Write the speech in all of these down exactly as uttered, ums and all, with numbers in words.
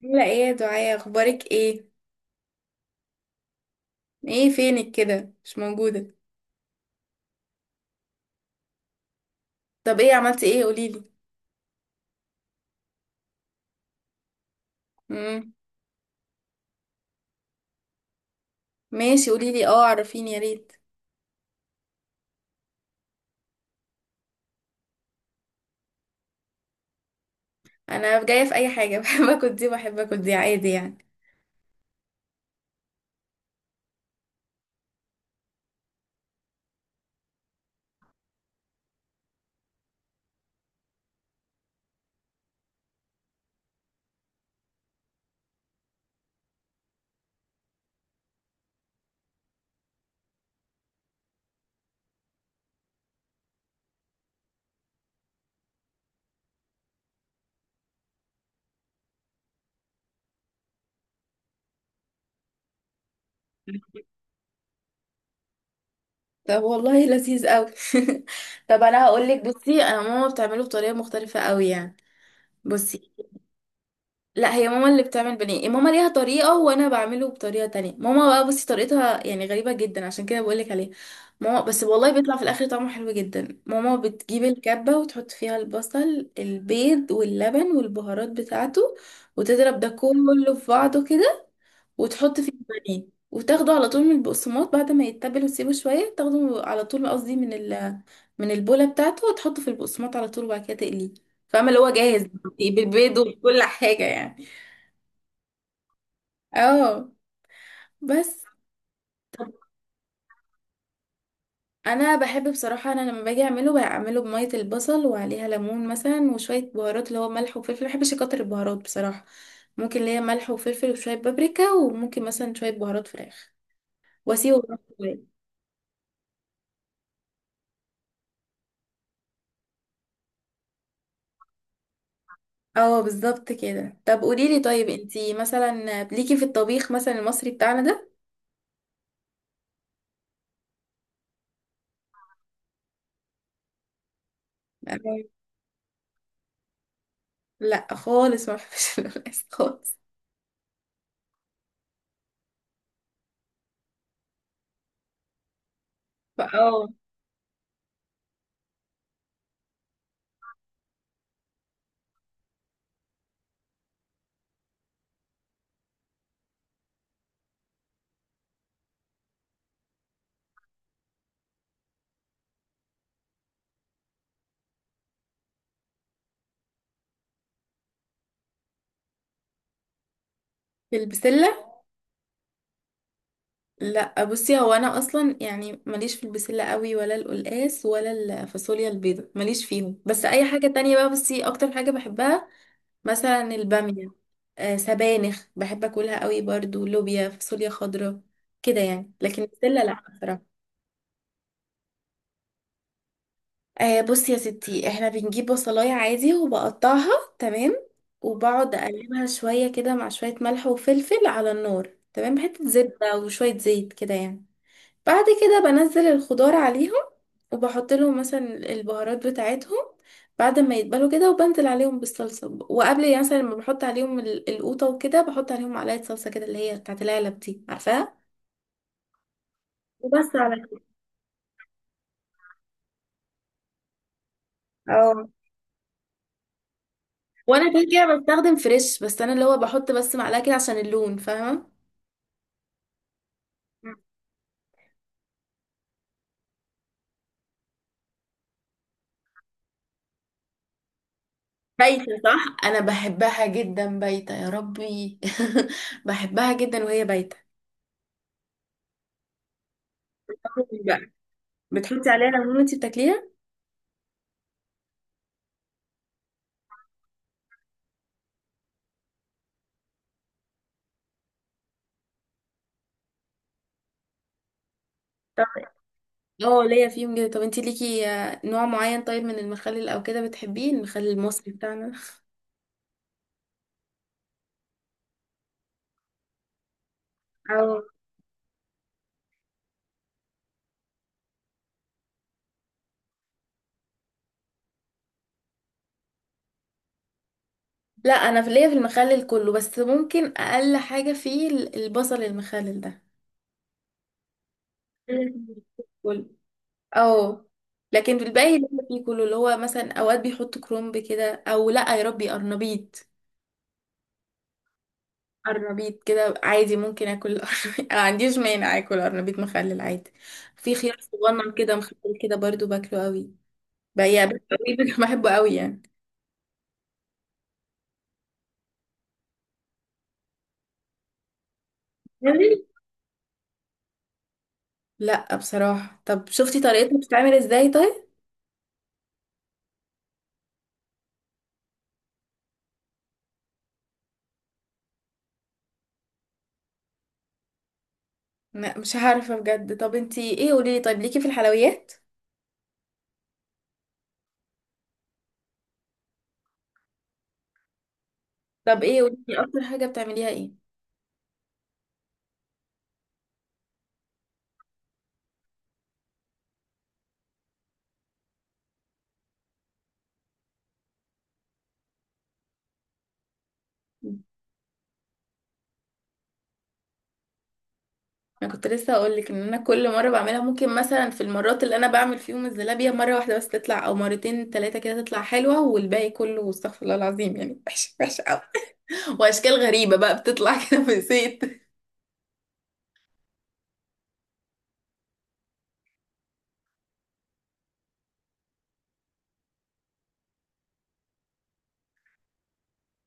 لا، ايه يا دعاء؟ اخبارك ايه؟ ايه فينك كده، مش موجوده؟ طب ايه عملتي؟ ايه، قوليلي. امم ماشي، قوليلي اه، عرفيني يا ريت. انا جايه في اي حاجه بحب اكل دي وبحب اكل دي عادي يعني. طب والله لذيذ قوي. طب انا هقولك، بصي انا ماما بتعمله بطريقه مختلفه قوي يعني. بصي، لا هي ماما اللي بتعمل بانيه، ماما ليها طريقة، وانا بعمله بطريقة تانية. ماما بقى، بصي طريقتها يعني غريبة جدا، عشان كده بقولك عليها. ماما بس والله بيطلع في الاخر طعمه حلو جدا. ماما بتجيب الكبة وتحط فيها البصل، البيض، واللبن، والبهارات بتاعته، وتضرب ده كله في بعضه كده، وتحط فيه البانيه وتاخده على طول من البقسماط بعد ما يتبل، وتسيبه شوية تاخده على طول، قصدي من ال من البولة بتاعته، وتحطه في البقسماط على طول، وبعد كده تقليه. فاهمة اللي هو جاهز بالبيض وكل حاجة يعني. اه بس، انا بحب بصراحة، انا لما باجي اعمله بعمله بمية البصل وعليها ليمون مثلا وشوية بهارات، اللي هو ملح وفلفل. ما بحبش اكتر البهارات بصراحة. ممكن ليا ملح وفلفل وشوية بابريكا، وممكن مثلا شوية بهارات فراخ، واسيبه براحته شوية. اه بالظبط كده. طب قوليلي طيب، انتي مثلا ليكي في الطبيخ مثلا المصري بتاعنا ده؟ آه، لا خالص ما بحبش القلقاس خالص. فاه. في البسلة؟ لا بصي، هو انا اصلا يعني ماليش في البسلة قوي، ولا القلقاس، ولا الفاصوليا البيضاء، ماليش فيهم. بس اي حاجة تانية بقى بصي، اكتر حاجة بحبها مثلا البامية. آه، سبانخ بحب اكلها قوي برضو، لوبيا، فاصوليا خضراء، كده يعني. لكن البسلة لا بصراحة. آه بصي يا ستي، احنا بنجيب بصلاية عادي وبقطعها، تمام. وبقعد اقلبها شوية كده مع شوية ملح وفلفل على النار، تمام، حتة زبدة وشوية زيت كده يعني. بعد كده بنزل الخضار عليهم، وبحط لهم مثلا البهارات بتاعتهم بعد ما يتبلوا كده. وبنزل عليهم بالصلصة. وقبل يعني مثلا لما بحط عليهم ال- القوطة وكده، بحط عليهم معلقة صلصة كده، اللي هي بتاعت العلب دي، عارفاها. وبس، على كده. اه، وانا كده كده بستخدم فريش، بس انا اللي هو بحط بس معلقة كده عشان اللون، فاهمة. بايتة، صح. انا بحبها جدا بايتة يا ربي. بحبها جدا وهي بايتة. بقى بتحطي عليها ليمون وانتي بتاكليها؟ اه ليا فيهم جدا. طب انتي ليكي آه، نوع معين طيب من المخلل او كده بتحبيه، المخلل المصري بتاعنا؟ او لا. انا في ليا في المخلل كله، بس ممكن اقل حاجة فيه ال- البصل المخلل ده. كله. اه، لكن في الباقي ليا فيه كله. اللي هو مثلا اوقات بيحطوا كرنب كده، او لا يا ربي قرنبيط. قرنبيط كده عادي، ممكن اكل قرنبيط ما عنديش مانع اكل قرنبيط مخلل عادي. في خيار صغنن كده مخلل كده برضو باكله قوي بقى، قوي بحبه قوي يعني. يعني؟ لا بصراحة. طب شفتي طريقتها بتتعمل ازاي طيب؟ لا مش عارفة بجد. طب انتي ايه، قوليلي طيب، ليكي في الحلويات؟ طب ايه، قوليلي اكتر حاجة بتعمليها ايه؟ انا كنت لسه هقولك ان انا كل مرة بعملها ممكن مثلا، في المرات اللي انا بعمل فيهم الزلابية، مرة واحدة بس تطلع، او مرتين تلاتة كده تطلع حلوة، والباقي كله استغفر الله العظيم يعني، وحش وحش قوي. واشكال غريبة بقى بتطلع كده في زيت.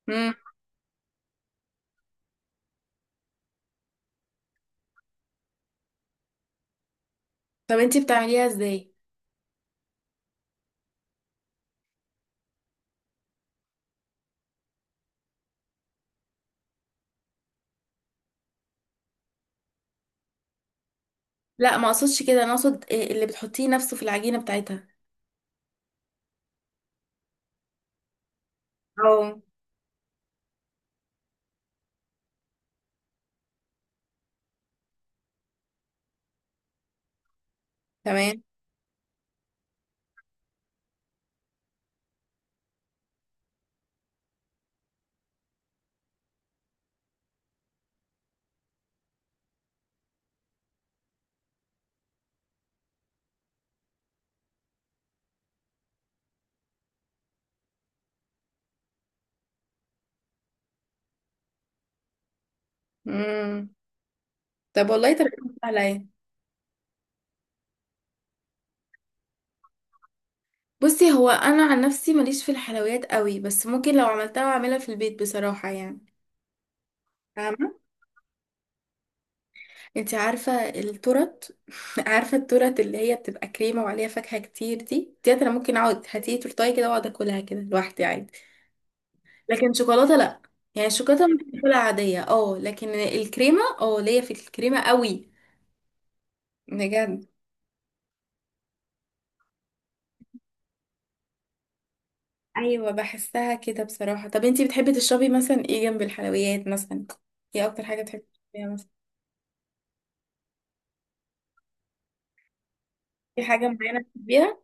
مم. طب انتي بتعمليها ازاي؟ لا ما اقصدش كده، انا اقصد إيه اللي بتحطيه نفسه في العجينة بتاعتها. اه. تمام. امم طب والله طريقتك سهله اهي. بصي، هو انا عن نفسي ماليش في الحلويات قوي، بس ممكن لو عملتها اعملها في البيت بصراحه يعني. فاهمه. انت عارفه التورت؟ عارفه التورت اللي هي بتبقى كريمه وعليها فاكهه كتير دي؟ ديت انا ممكن اقعد هاتيه تورتايه كده واقعد اكلها كده لوحدي عادي. لكن شوكولاته لا، يعني الشوكولاته ممكن اكلها عاديه اه، لكن الكريمه اه ليا في الكريمه قوي. بجد. ايوه بحسها كده بصراحه. طب انتي بتحبي تشربي مثلا ايه جنب الحلويات مثلا؟ ايه اكتر حاجه بتحبي تشربيها مثلا؟ في حاجه معينه بتحبيها؟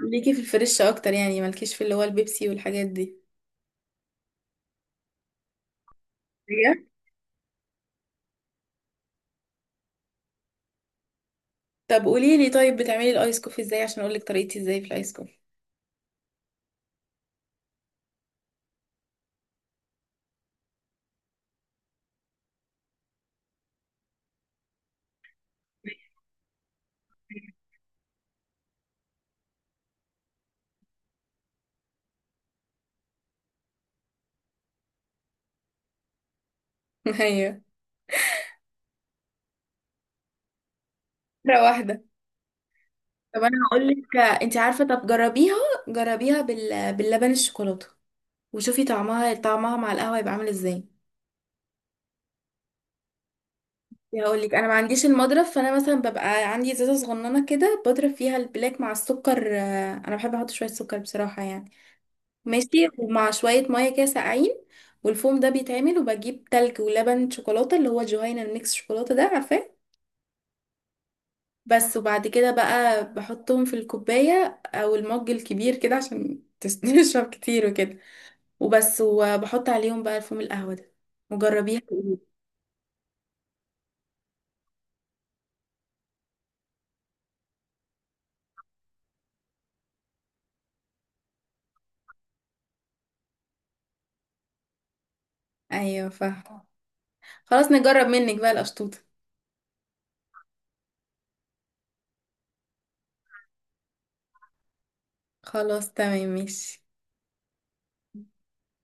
ليكي في الفريش اكتر يعني، مالكيش في اللي هو البيبسي والحاجات دي؟ بجد؟ طب قولي لي طيب، بتعملي الايس كوفي ازاي عشان اقول لك طريقتي ازاي في الايس كوفي. ايوه، مره واحده. طب انا هقول لك، انت عارفه، طب جربيها. جربيها بال... باللبن الشوكولاته، وشوفي طعمها، طعمها مع القهوه يبقى عامل ازاي. يعني هقول لك انا ما عنديش المضرب، فانا مثلا ببقى عندي ازازه صغننه كده، بضرب فيها البلاك مع السكر. آه، انا بحب احط شويه سكر بصراحه يعني. ماشي. ومع شويه ميه كده ساقعين، والفوم ده بيتعمل، وبجيب تلج ولبن شوكولاته اللي هو جهينة، الميكس شوكولاته ده، عارفاه. بس، وبعد كده بقى بحطهم في الكوبايه او المج الكبير كده، عشان تس- تشرب كتير وكده. وبس، وبحط عليهم بقى الفوم القهوه ده. وجربيها. ايوه فاهمه. خلاص، نجرب منك بقى القشطوطه. خلاص تمام ماشي.